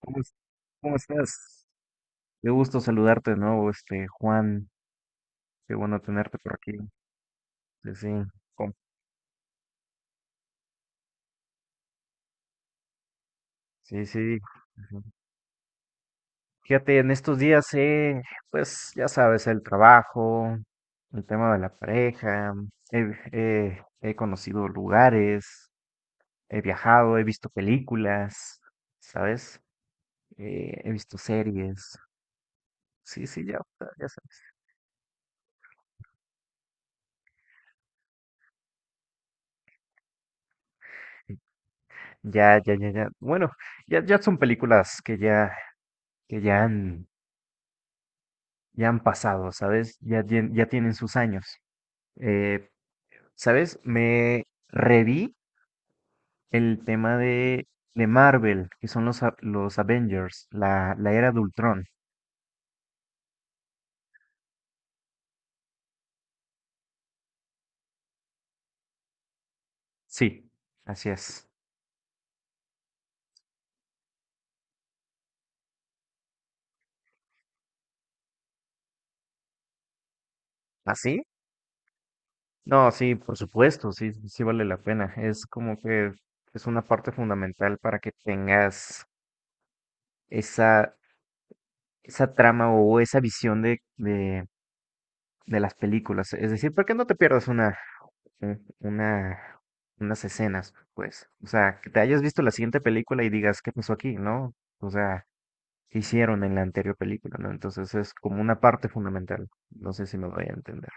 ¿Cómo, es- cómo estás? Qué gusto saludarte de nuevo, Juan. Qué bueno tenerte por aquí. Sí, sí. Com- sí, sí. Ujú. Fíjate, en estos días, pues ya sabes, el trabajo, el tema de la pareja, he, he conocido lugares, he viajado, he visto películas, ¿sabes? He visto series. Sí, sí, ya, ya sabes. Ya, ya, ya, ya. Bueno, ya son películas que ya han pasado, ¿sabes? Ya tienen sus años. Eh, ¿Sabes? Me reví el tema de Marvel, que son los Avengers, la era de Ultron. Sí, así es. ¿Así? No, sí, por supuesto, sí, sí vale la pena. Es como que es una parte fundamental para que tengas esa, esa trama o esa visión de las películas. Es decir, ¿por qué no te pierdas un- una, unas escenas, pues? O sea, que te hayas visto la siguiente película y digas, ¿qué pasó aquí? ¿No? O sea, ¿qué hicieron en la anterior película? ¿No? Entonces es como una parte fundamental. No sé si me voy a entender.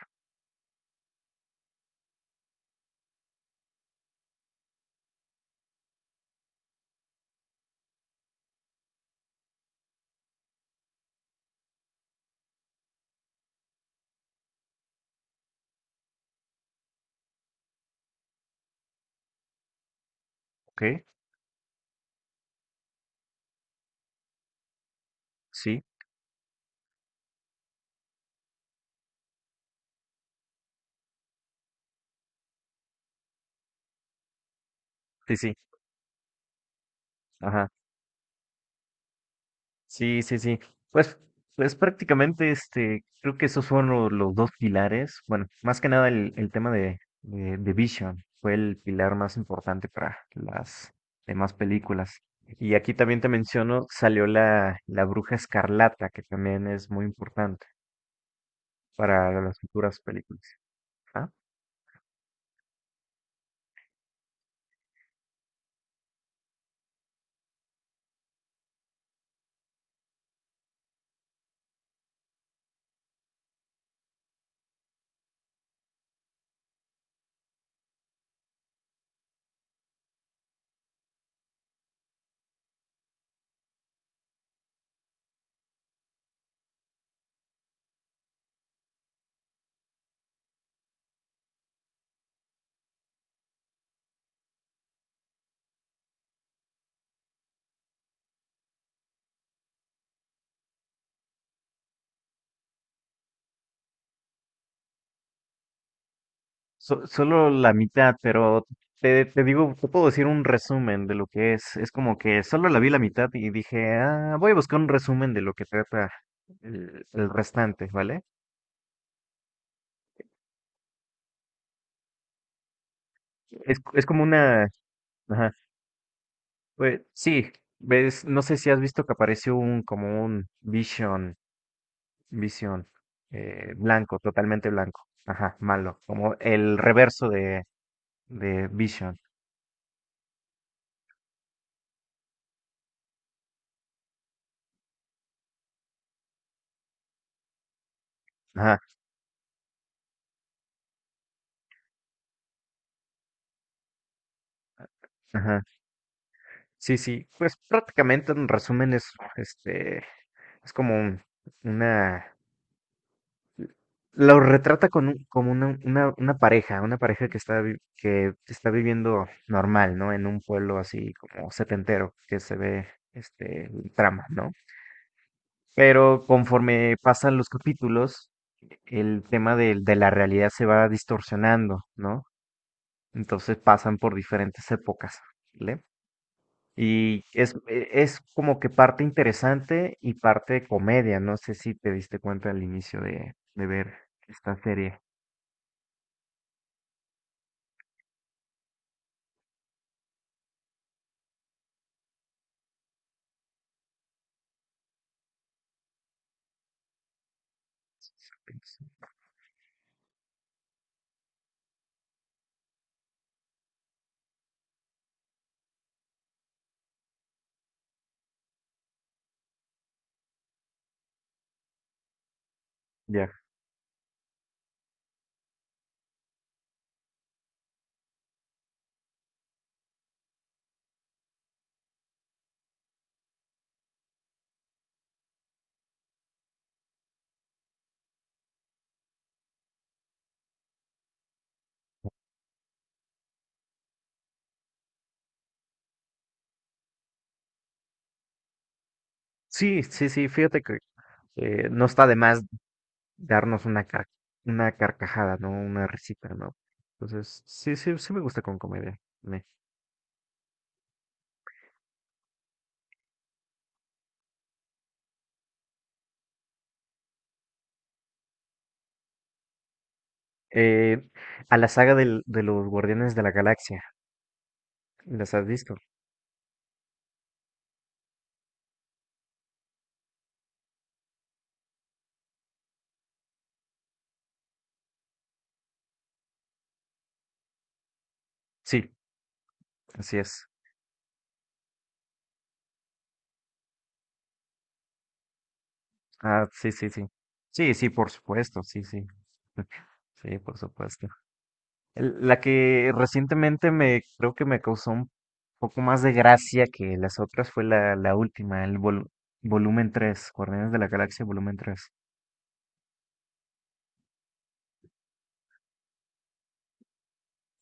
¿Ok? Sí, sí, sí. Ajá. Sí, sí, sí. Pues, pues prácticamente, creo que esos fueron dos pilares. Bueno, más que nada el tema de Vision fue el pilar más importante para las demás películas. Y aquí también te menciono, salió la Bruja Escarlata, que también es muy importante para las futuras películas. ¿Ah? Solo la mitad, pero te digo, te puedo decir un resumen de lo que es. Es como que solo la vi la mitad y dije, ah, voy a buscar un resumen de lo que trata el restante, ¿vale? Es como una. Ajá, pues, sí, ves, no sé si has visto que apareció como un Vision, blanco, totalmente blanco. Ajá, malo, como el reverso de Vision. Ajá, ajá. Sí, sí, pues prácticamente en resumen es este, Es como un- una, lo retrata con como una pareja que está viviendo normal, ¿no? En un pueblo así como setentero, que se ve el trama, ¿no? Pero conforme pasan los capítulos, el tema de la realidad se va distorsionando, ¿no? Entonces pasan por diferentes épocas, ¿vale? Y es como que parte interesante y parte de comedia. No sé si te diste cuenta al inicio de ver esta serie. Pues. Ya. Sí, sí, sí, fíjate que no está de más darnos una carcajada, ¿no? Una risita, ¿no? Entonces, sí, sí, sí me gusta con comedia. Me. Eh, a la saga de los Guardianes de la Galaxia, ¿las has visto? Sí, así es. Ah, sí, sí, sí. Sí, sí, por supuesto, sí, sí. Sí, por supuesto. La que recientemente me creo que me causó un poco más de gracia que las otras fue la última, el volumen tres, Guardianes de la Galaxia volumen tres.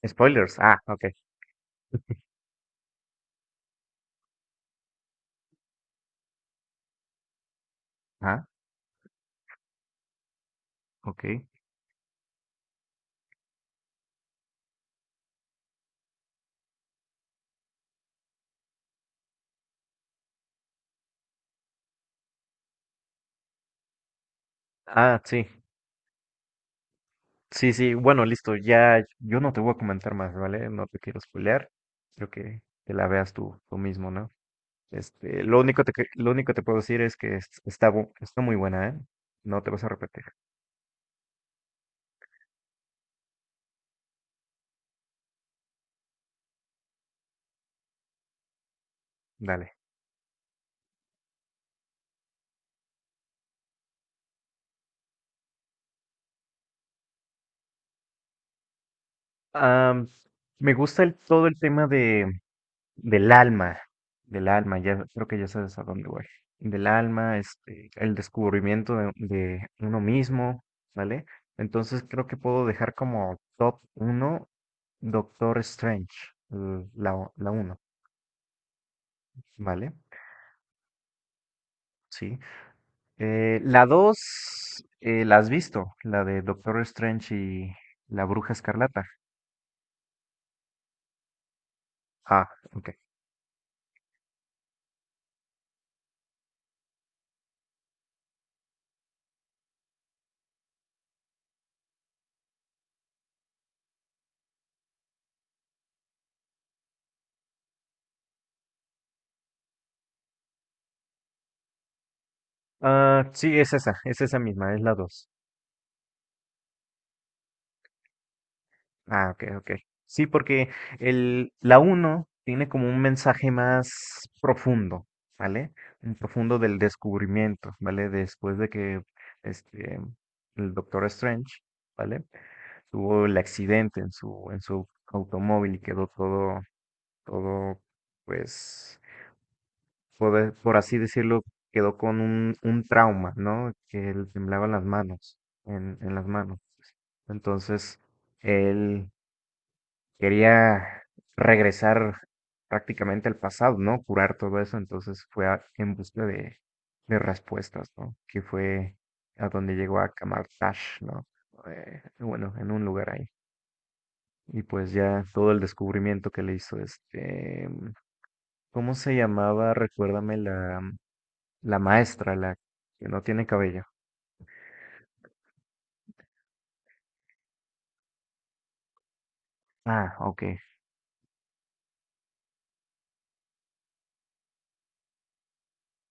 Spoilers. Ah, ok. Ah, ok. Ah, sí. Sí, sí. Bueno, listo. Ya yo no te voy a comentar más, ¿vale? No te quiero spoilear. Creo que la veas tú, tú mismo, ¿no? Lo único que te puedo decir es que está muy buena, ¿eh? No te vas a repetir. Dale. Am, Me gusta todo el tema del alma, del alma, ya creo que ya sabes a dónde voy. Del alma. El descubrimiento de uno mismo, ¿vale? Entonces creo que puedo dejar como top uno Doctor Strange, la uno, ¿vale? Sí. La dos. ¿La has visto? La de Doctor Strange y la Bruja Escarlata. Ah, ok. Ah, sí, es esa misma, es la 2. Ah, ok, ok. Sí, porque la uno tiene como un mensaje más profundo, ¿vale? Un profundo del descubrimiento, ¿vale? Después de que este, el Doctor Strange, ¿vale? Tuvo el accidente en su automóvil y quedó todo, todo, pues, por así decirlo, quedó con un trauma, ¿no? Que le temblaban las manos, en las manos. Entonces, él quería regresar prácticamente al pasado, ¿no? Curar todo eso, entonces fue en busca de respuestas, ¿no? Que fue a donde llegó a Kamartash, ¿no? Bueno, en un lugar ahí. Y pues ya todo el descubrimiento que le hizo. ¿Cómo se llamaba? Recuérdame la maestra, la que no tiene cabello. Ah, ok.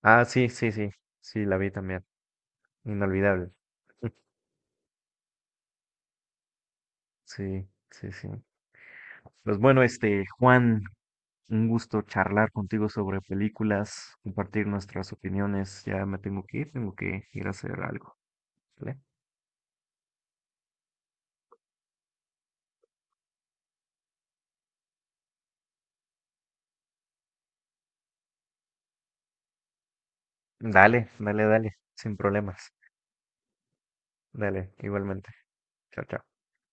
Ah, sí, sí, sí, sí, la vi también. Inolvidable. Sí, sí, sí. Pues bueno, Juan, un gusto charlar contigo sobre películas, compartir nuestras opiniones. Ya me tengo que ir a hacer algo, ¿vale? Dale, dale, dale, sin problemas. Dale, igualmente. Chao, chao.